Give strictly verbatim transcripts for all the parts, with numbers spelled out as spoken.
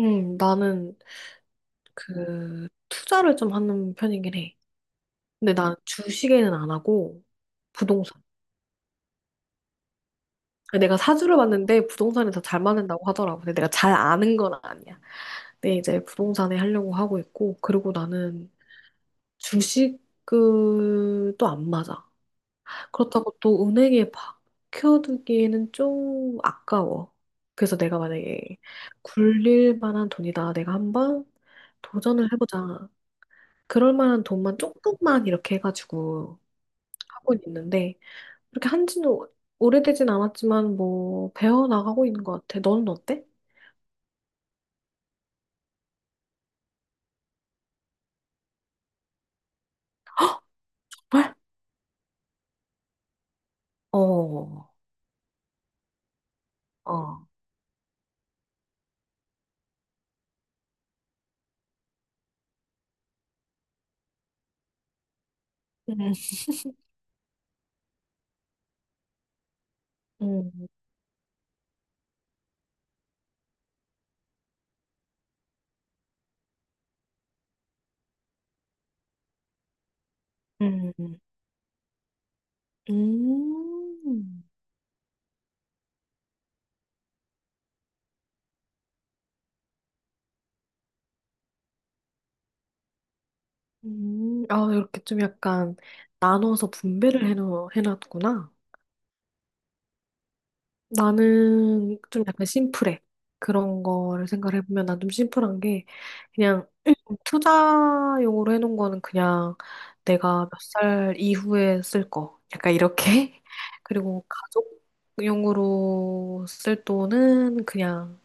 음, 나는 그 투자를 좀 하는 편이긴 해. 근데 난 주식에는 안 하고 부동산. 아, 내가 사주를 봤는데 부동산에 더 잘 맞는다고 하더라고. 근데 내가 잘 아는 건 아니야. 근데 이제 부동산에 하려고 하고 있고, 그리고 나는 주식을 또 안 맞아. 그렇다고 또 은행에 박혀두기에는 좀 아까워. 그래서 내가 만약에 굴릴 만한 돈이다. 내가 한번 도전을 해보자. 그럴 만한 돈만 조금만 이렇게 해가지고 하고 있는데 그렇게 한지는 오- 오래되진 않았지만 뭐 배워 나가고 있는 것 같아. 너는 어때? 헐? 어, 어. 음, 음, 음, 음, 음. 아, 이렇게 좀 약간 나눠서 분배를 해놓, 해놨구나. 나는 좀 약간 심플해. 그런 거를 생각해보면 난 좀 심플한 게 그냥 투자용으로 해놓은 거는 그냥 내가 몇 살 이후에 쓸 거. 약간 이렇게. 그리고 가족용으로 쓸 돈은 그냥,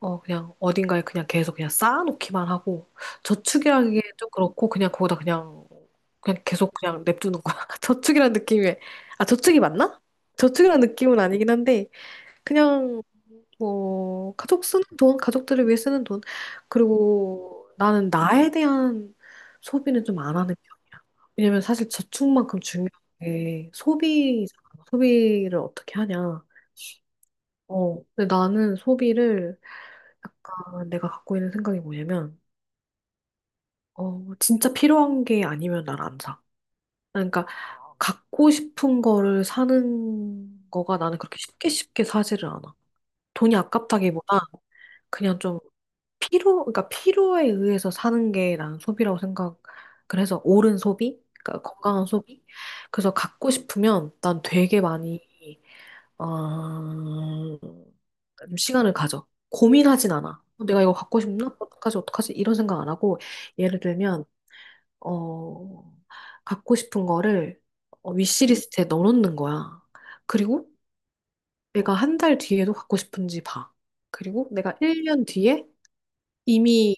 어, 그냥 어딘가에 그냥 계속 그냥 쌓아놓기만 하고, 저축이라는 게좀 그렇고, 그냥 거기다 그냥, 그냥 계속 그냥 냅두는 거야. 저축이라는 느낌이, 왜- 아, 저축이 맞나? 저축이라는 느낌은 아니긴 한데, 그냥 뭐 가족 쓰는 돈, 가족들을 위해 쓰는 돈. 그리고 나는 나에 대한 소비는 좀 안 하는 편이야. 왜냐면 사실 저축만큼 중요한 게 소비잖아. 소비를 어떻게 하냐. 어, 근데 나는 소비를 약간 내가 갖고 있는 생각이 뭐냐면, 어, 진짜 필요한 게 아니면 난 안 사. 그러니까 갖고 싶은 거를 사는 거가 나는 그렇게 쉽게 쉽게 사지를 않아. 돈이 아깝다기보다 그냥 좀 필요, 그러니까 필요에 의해서 사는 게 난 소비라고 생각, 그래서 옳은 소비? 그러니까 건강한 소비? 그래서 갖고 싶으면 난 되게 많이, 어, 좀 시간을 가져. 고민하진 않아. 어, 내가 이거 갖고 싶나? 어떡하지, 어떡하지? 이런 생각 안 하고, 예를 들면, 어, 갖고 싶은 거를 어, 위시리스트에 넣어놓는 거야. 그리고 내가 한 달 뒤에도 갖고 싶은지 봐. 그리고 내가 일 년 뒤에 이미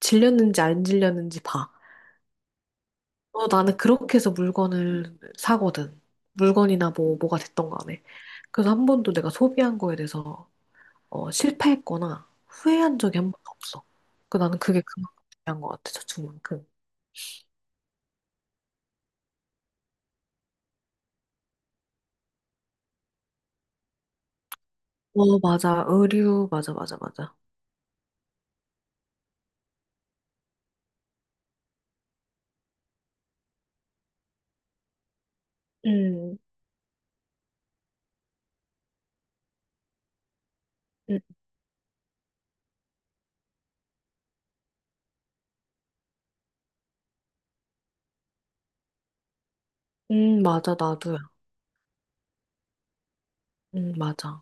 질렸는지 안 질렸는지 봐. 어, 나는 그렇게 해서 물건을 사거든. 물건이나 뭐, 뭐가 됐던 간에. 그래서 한 번도 내가 소비한 거에 대해서 어, 실패했거나 후회한 적이 한 번도 없어. 그 나는 그게 그만큼 중요한 것 같아, 저축만큼. 어, 맞아. 의류, 맞아, 맞아, 맞아. 음, 음, 음, 맞아, 나도야. 음, 맞아.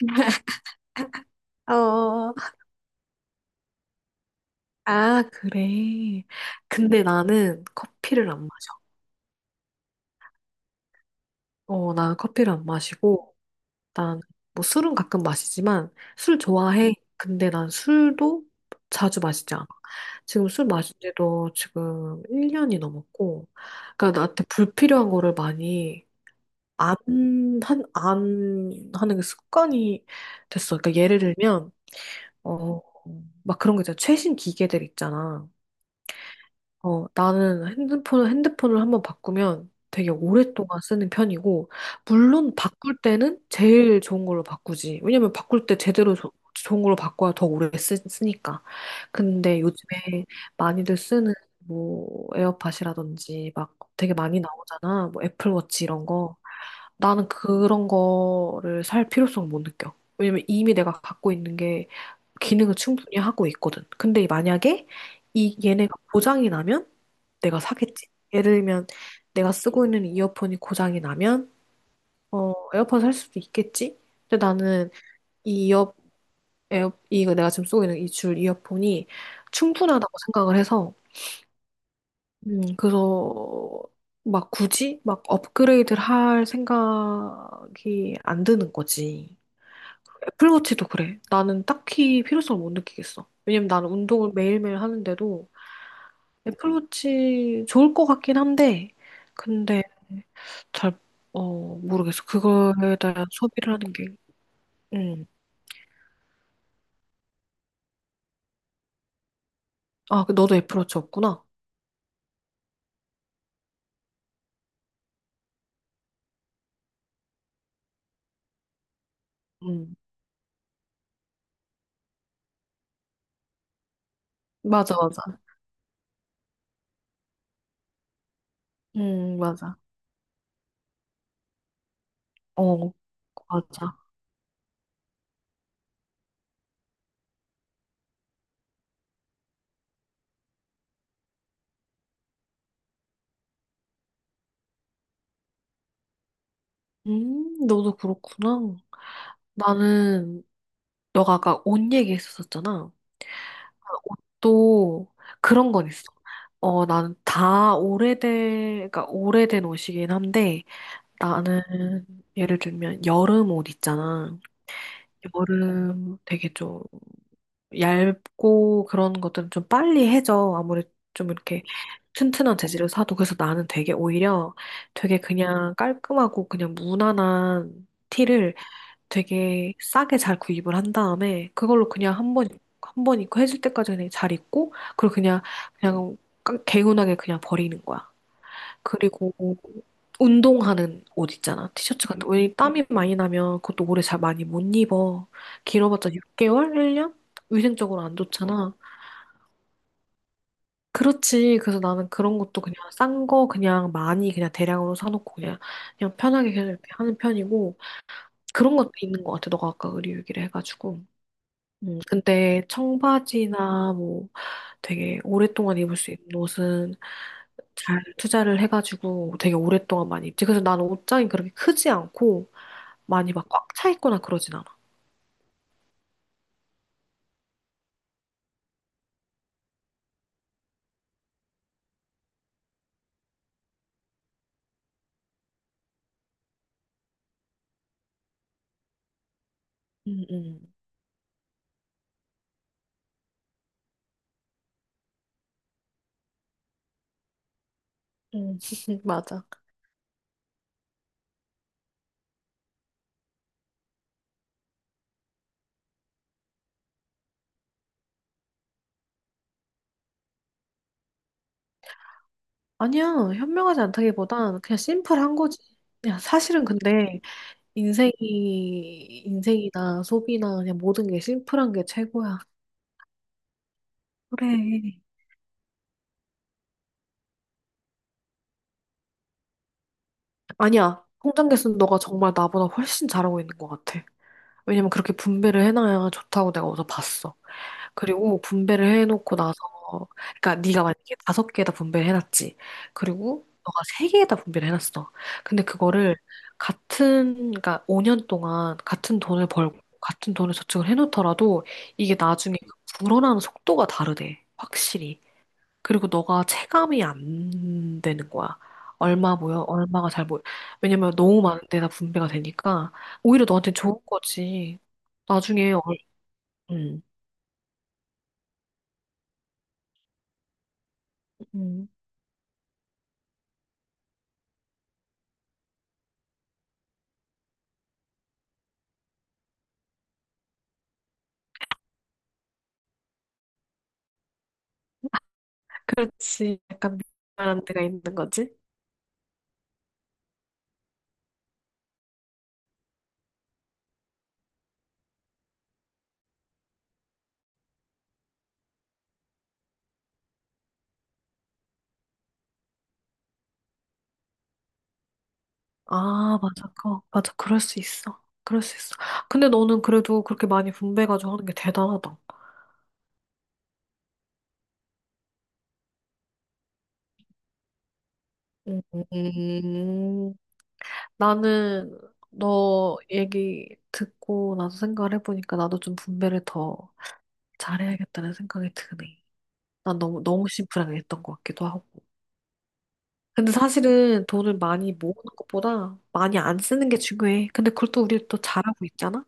어, 아, 그래. 근데 나는 커피를 안 마셔. 어, 나는 커피를 안 마시고, 난, 뭐 술은 가끔 마시지만, 술 좋아해. 근데 난 술도 자주 마시지 않아. 지금 술 마신 지도 지금 일 년이 넘었고, 그러니까 나한테 불필요한 거를 많이 안, 한, 안 하는 게 습관이 됐어. 그러니까 예를 들면, 어, 막 그런 거 있잖아. 최신 기계들 있잖아. 어, 나는 핸드폰을, 핸드폰을 한번 바꾸면 되게 오랫동안 쓰는 편이고, 물론 바꿀 때는 제일 좋은 걸로 바꾸지. 왜냐면 바꿀 때 제대로 조- 좋은 걸로 바꿔야 더 오래 쓰, 쓰니까. 근데 요즘에 많이들 쓰는 뭐 에어팟이라든지 막 되게 많이 나오잖아. 뭐 애플워치 이런 거. 나는 그런 거를 살 필요성을 못 느껴. 왜냐면 이미 내가 갖고 있는 게 기능을 충분히 하고 있거든. 근데 만약에 이 얘네가 보장이 나면 내가 사겠지. 예를 들면 내가 쓰고 있는 이어폰이 고장이 나면 어, 에어팟 살 수도 있겠지. 근데 나는 이 이어 에어 이거 내가 지금 쓰고 있는 이 줄 이어폰이 충분하다고 생각을 해서 음, 그래서 막 굳이 막 업그레이드를 할 생각이 안 드는 거지. 애플워치도 그래. 나는 딱히 필요성을 못 느끼겠어. 왜냐면 나는 운동을 매일매일 하는데도 애플워치 좋을 것 같긴 한데 근데 잘, 어, 모르겠어. 그거에 대한 소비를 하는 게, 음. 아, 그 너도 애플워치 없구나. 음. 맞아, 맞아. 음, 맞아. 어, 맞아. 음, 너도 그렇구나. 나는, 너가 아까 옷 얘기했었잖아. 옷도 그런 건 있어. 어, 나는 다 오래된, 그러니까 오래된 옷이긴 한데, 나는 예를 들면 여름 옷 있잖아. 여름 되게 좀 얇고 그런 것들은 좀 빨리 해져. 아무리 좀 이렇게 튼튼한 재질을 사도. 그래서 나는 되게 오히려 되게 그냥 깔끔하고 그냥 무난한 티를 되게 싸게 잘 구입을 한 다음에 그걸로 그냥 한 번, 한 번 입고 해줄 때까지 그냥 잘 입고 그리고 그냥, 그냥 깡- 개운하게 그냥 버리는 거야. 그리고 운동하는 옷 있잖아. 티셔츠 같은 거. 왜 땀이 많이 나면 그것도 오래 잘 많이 못 입어. 길어봤자 육 개월? 일 년? 위생적으로 안 좋잖아. 그렇지. 그래서 나는 그런 것도 그냥 싼 거 그냥 많이 그냥 대량으로 사놓고 그냥, 그냥 편하게 그냥 이렇게 하는 편이고 그런 것도 있는 것 같아. 너가 아까 의류 얘기를 해가지고. 음, 근데 청바지나 뭐 되게 오랫동안 입을 수 있는 옷은 잘 투자를 해가지고 되게 오랫동안 많이 입지. 그래서 나는 옷장이 그렇게 크지 않고 많이 막 꽉 차 있거나 그러진 않아. 음, 음, 음. 맞아. 아니야. 현명하지 않다기보단 그냥 심플한 거지. 그냥 사실은 근데 인생이, 인생이나 소비나 그냥 모든 게 심플한 게 최고야. 그래. 아니야. 통장 개수는 너가 정말 나보다 훨씬 잘하고 있는 것 같아. 왜냐면 그렇게 분배를 해놔야 좋다고 내가 어디서 봤어. 그리고 분배를 해놓고 나서, 그러니까 네가 만약에 다섯 개에다 분배를 해놨지. 그리고 너가 세 개에다 분배를 해놨어. 근데 그거를 같은, 그러니까 오 년 동안 같은 돈을 벌고 같은 돈을 저축을 해놓더라도 이게 나중에 그 불어나는 속도가 다르대. 확실히. 그리고 너가 체감이 안 되는 거야. 얼마 모여, 얼마가 잘 모여. 왜냐면 너무 많은 데다 분배가 되니까 오히려 너한테 좋은 거지. 나중에 얼, 음. 그렇지. 약간 미안한 데가 있는 거지? 아, 맞아. 그 맞아. 그럴 수 있어. 그럴 수 있어. 근데 너는 그래도 그렇게 많이 분배해가지고 하는 게 대단하다. 음, 음. 나는 너 얘기 듣고 나서 생각을 해보니까 나도 좀 분배를 더 잘해야겠다는 생각이 드네. 난 너무, 너무 심플하게 했던 것 같기도 하고. 근데 사실은 돈을 많이 모으는 것보다 많이 안 쓰는 게 중요해. 근데 그걸 또 우리 또 잘하고 있잖아?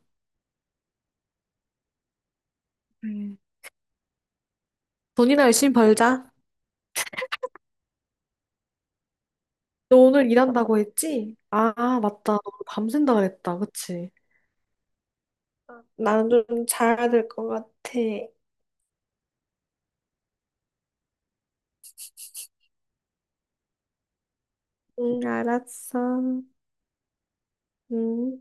네. 돈이나 열심히 벌자. 너 오늘 일한다고 했지? 아, 맞다. 너 밤샌다 그랬다. 그치? 나는 좀 자야 될 것 같아. 응, 알았어. 응.